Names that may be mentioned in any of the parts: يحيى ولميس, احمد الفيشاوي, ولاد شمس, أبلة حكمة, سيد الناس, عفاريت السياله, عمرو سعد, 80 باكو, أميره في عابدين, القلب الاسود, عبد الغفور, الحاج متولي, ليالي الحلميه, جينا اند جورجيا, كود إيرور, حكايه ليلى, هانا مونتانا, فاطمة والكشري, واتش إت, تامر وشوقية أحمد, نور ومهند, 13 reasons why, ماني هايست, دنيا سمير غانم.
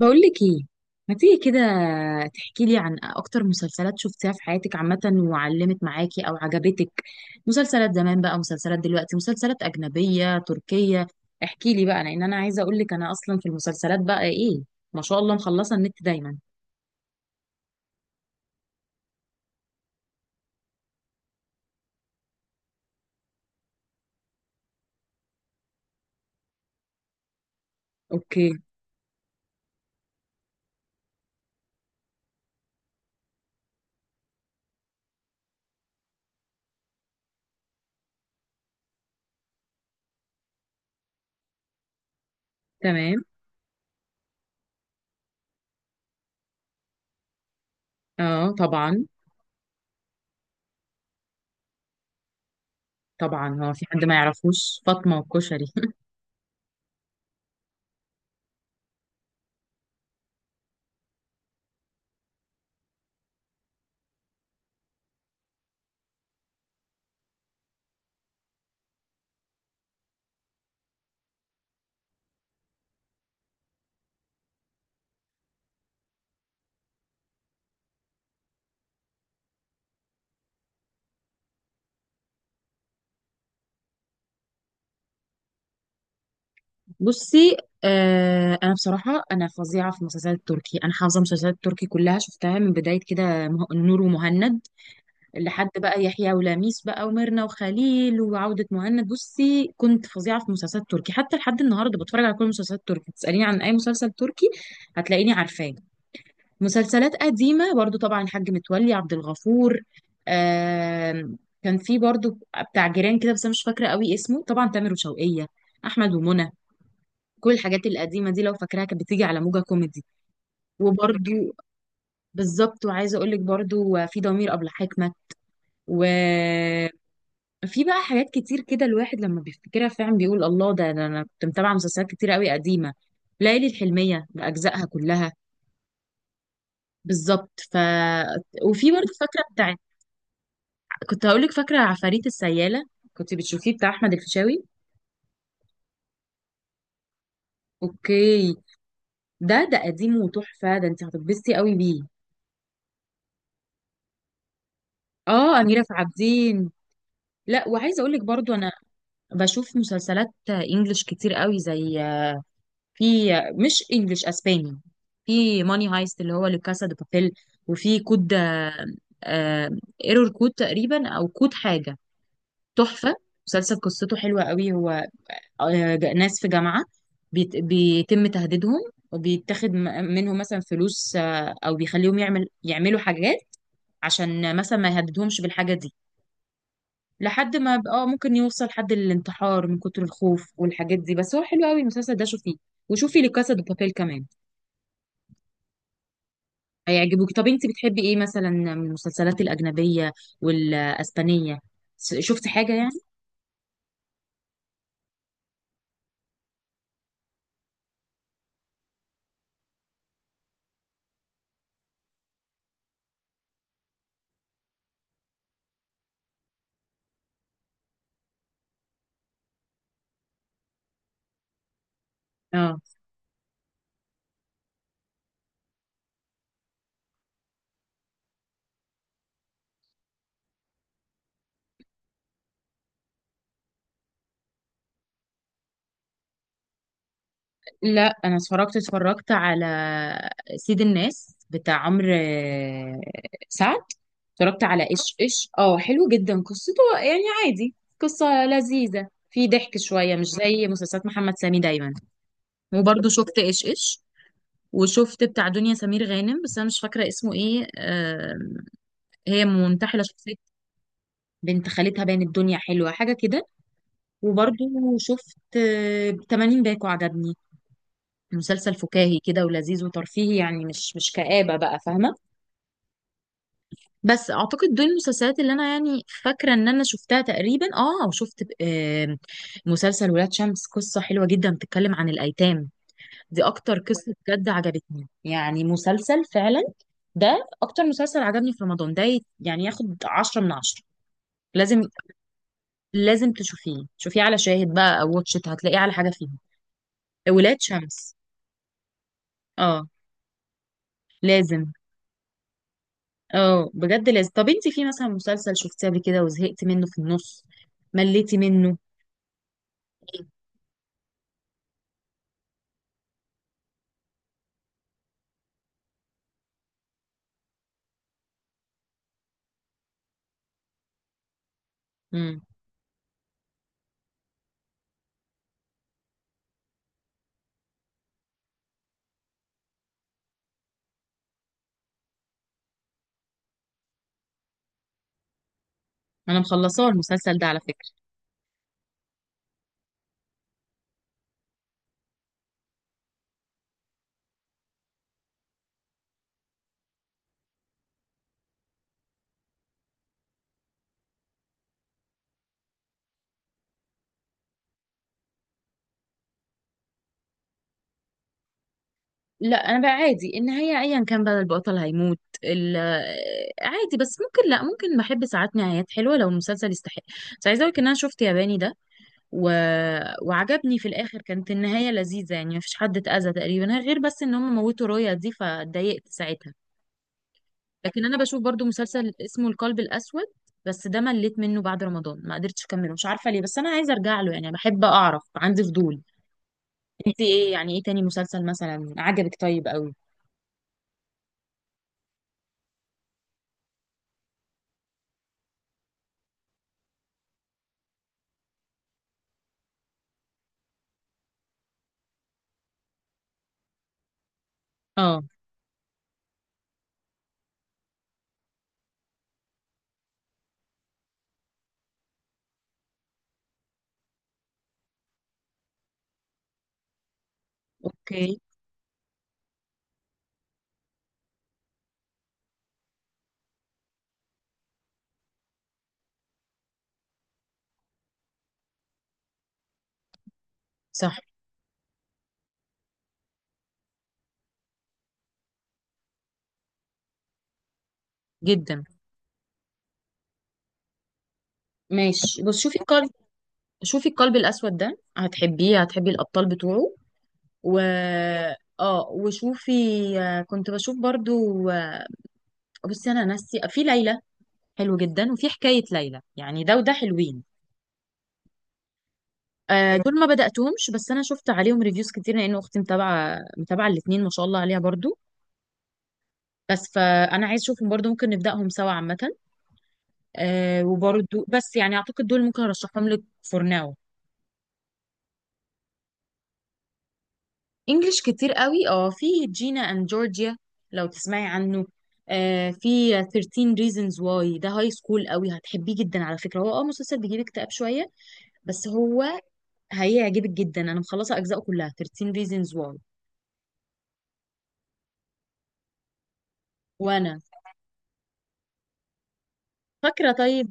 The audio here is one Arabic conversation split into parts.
بقول لك ايه، ما تيجي كده تحكي لي عن اكتر مسلسلات شفتيها في حياتك عامة وعلمت معاكي او عجبتك؟ مسلسلات زمان بقى، مسلسلات دلوقتي، مسلسلات اجنبية تركية. احكي لي بقى، لان انا عايزة اقول لك انا اصلا في المسلسلات بقى ايه. ما شاء الله، مخلصة النت دايما. اوكي. تمام. اه طبعا. طبعا، هو في حد ما يعرفوش فاطمة والكشري؟ بصي. آه، انا بصراحه انا فظيعه في المسلسلات التركي، انا حافظه المسلسلات التركي كلها، شفتها من بدايه كده نور ومهند لحد بقى يحيى ولميس بقى وميرنا وخليل وعودة مهند. بصي كنت فظيعة في مسلسلات تركي، حتى لحد النهاردة بتفرج على كل مسلسلات تركي. تسأليني عن أي مسلسل تركي هتلاقيني عارفاه. مسلسلات قديمة برضو طبعا، الحاج متولي، عبد الغفور. آم، كان في برضو بتاع جيران كده، بس أنا مش فاكرة قوي اسمه، طبعا تامر وشوقية، أحمد ومنى. كل الحاجات القديمة دي لو فاكراها كانت بتيجي على موجة كوميدي. وبرضو بالظبط، وعايزة أقولك برضو في ضمير أبلة حكمة و في بقى حاجات كتير كده، الواحد لما بيفتكرها فعلا بيقول الله، ده انا كنت متابعه مسلسلات كتير قوي قديمه. ليالي الحلميه باجزائها كلها. بالظبط. وفي برضه فاكره بتاع، كنت هقول لك، فاكره عفاريت السياله؟ كنت بتشوفيه، بتاع احمد الفيشاوي. اوكي. ده قديم وتحفه، ده انت هتتبسطي قوي بيه. اه، اميره في عابدين. لا، وعايزه اقول لك برضه انا بشوف مسلسلات انجلش كتير قوي، زي، في، مش انجلش، اسباني. في ماني هايست، اللي هو لكاسا دي بابيل. وفي كود ايرور كود تقريبا، او كود حاجه، تحفه. مسلسل قصته حلوه قوي، هو ناس في جامعه بيتم تهديدهم، وبيتاخد منهم مثلا فلوس او بيخليهم يعملوا حاجات عشان مثلا ما يهددهمش بالحاجه دي، لحد ما ممكن يوصل حد للانتحار من كتر الخوف والحاجات دي، بس هو حلو قوي المسلسل ده، شوفيه. وشوفي لكاسا دي بابيل كمان، هيعجبوك. طب انت بتحبي ايه مثلا من المسلسلات الاجنبيه والاسبانيه؟ شفتي حاجه يعني؟ اه. لا، انا اتفرجت على سيد الناس، بتاع عمرو سعد. اتفرجت على ايش ايش، اه حلو جدا قصته، يعني عادي. قصه لذيذه، في ضحك شويه، مش زي مسلسلات محمد سامي دايما. وبرضه شفت ايش ايش، وشفت بتاع دنيا سمير غانم بس انا مش فاكره اسمه ايه هي منتحله شخصيه بنت خالتها، باين الدنيا حلوه، حاجه كده. وبرضو شفت 80 باكو، عجبني. مسلسل فكاهي كده، ولذيذ وترفيهي، يعني مش كآبة بقى، فاهمة. بس أعتقد دول المسلسلات اللي أنا يعني فاكرة إن أنا شفتها تقريبا. وشفت مسلسل ولاد شمس، قصة حلوة جدا، بتتكلم عن الأيتام. دي أكتر قصة بجد عجبتني، يعني مسلسل فعلا. ده أكتر مسلسل عجبني في رمضان ده، يعني ياخد عشرة من عشرة. لازم، لازم تشوفيه، شوفيه على شاهد بقى أو واتش إت، هتلاقيه على حاجة فيهم. ولاد شمس. اه. لازم. اه بجد لازم. طب انت في مثلا مسلسل شفتيه قبل كده وزهقت منه في النص، مليتي منه؟ امم. انا مخلصاه المسلسل ده على فكرة. لا، انا بقى عادي النهاية ايا كان بقى البطل هيموت عادي، بس ممكن لا، ممكن بحب ساعات نهايات حلوة لو المسلسل يستحق. بس عايزة اقولك ان انا شفت ياباني ده و... وعجبني في الاخر، كانت النهاية لذيذة يعني، مفيش حد اتأذى تقريبا، غير بس ان هم موتوا رويا دي فاتضايقت ساعتها. لكن انا بشوف برضو مسلسل اسمه القلب الاسود، بس ده مليت منه بعد رمضان، ما قدرتش اكمله مش عارفه ليه، بس انا عايزه ارجع له يعني، بحب اعرف، عندي فضول. انت ايه يعني، ايه تاني مسلسل مثلا عجبك؟ طيب قوي. اه. اوكي. صح. جدا. ماشي، بص شوفي القلب، شوفي القلب الاسود ده هتحبيه، هتحبي الابطال بتوعه. و اه وشوفي كنت بشوف برضو آه، بصي انا ناسي في ليلى، حلو جدا، وفي حكايه ليلى يعني، ده وده حلوين. دول ما بدأتهمش، بس انا شفت عليهم ريفيوز كتير، لان اختي متابعه متابعه الاثنين ما شاء الله عليها برضو. بس فانا عايز اشوفهم برضو، ممكن نبدأهم سوا عامه. وبرضو، بس يعني اعتقد دول ممكن ارشحهم لك فور ناو. انجلش كتير قوي. اه في جينا اند جورجيا، لو تسمعي عنه. في 13 reasons why، ده هاي سكول قوي، هتحبيه جدا على فكره، هو مسلسل بيجيب اكتئاب شويه، بس هو هيعجبك جدا. انا مخلصه اجزاءه كلها، 13 reasons why. وانا فاكره طيب،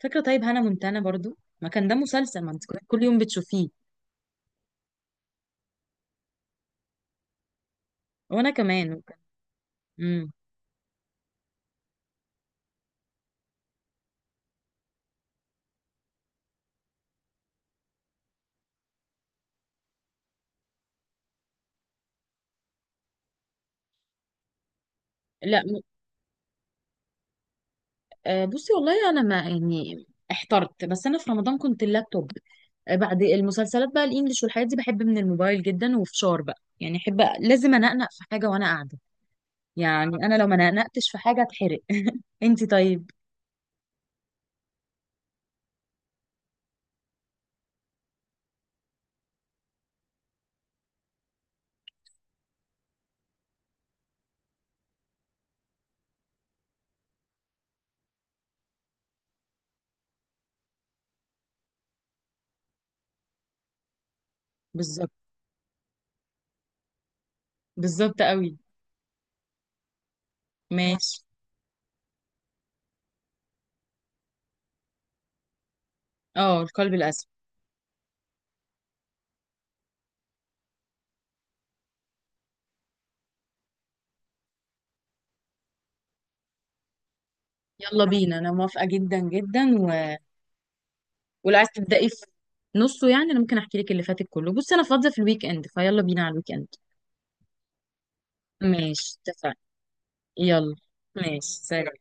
فاكرة طيب هانا مونتانا برضو، ما كان ده مسلسل ما انت كنت كل يوم بتشوفيه؟ وانا كمان. امم. لا، بصي والله انا ما يعني احترت، بس انا في رمضان كنت اللابتوب. بعد المسلسلات بقى، الانجليش والحاجات دي بحب من الموبايل جدا، وفشار بقى يعني، احب لازم انقنق في حاجة وانا قاعدة. يعني انا لو ما نقنقتش في حاجة اتحرق انت طيب؟ بالظبط. بالظبط قوي. ماشي، اه القلب الاسود. يلا بينا، انا موافقة جدا جدا. ولو عايز تبدأي في نصه، يعني انا ممكن احكي لك اللي فاتك كله. بصي انا فاضية في الويك اند، فيلا بينا على الويك اند. ماشي اتفقنا. يلا. ماشي سلام.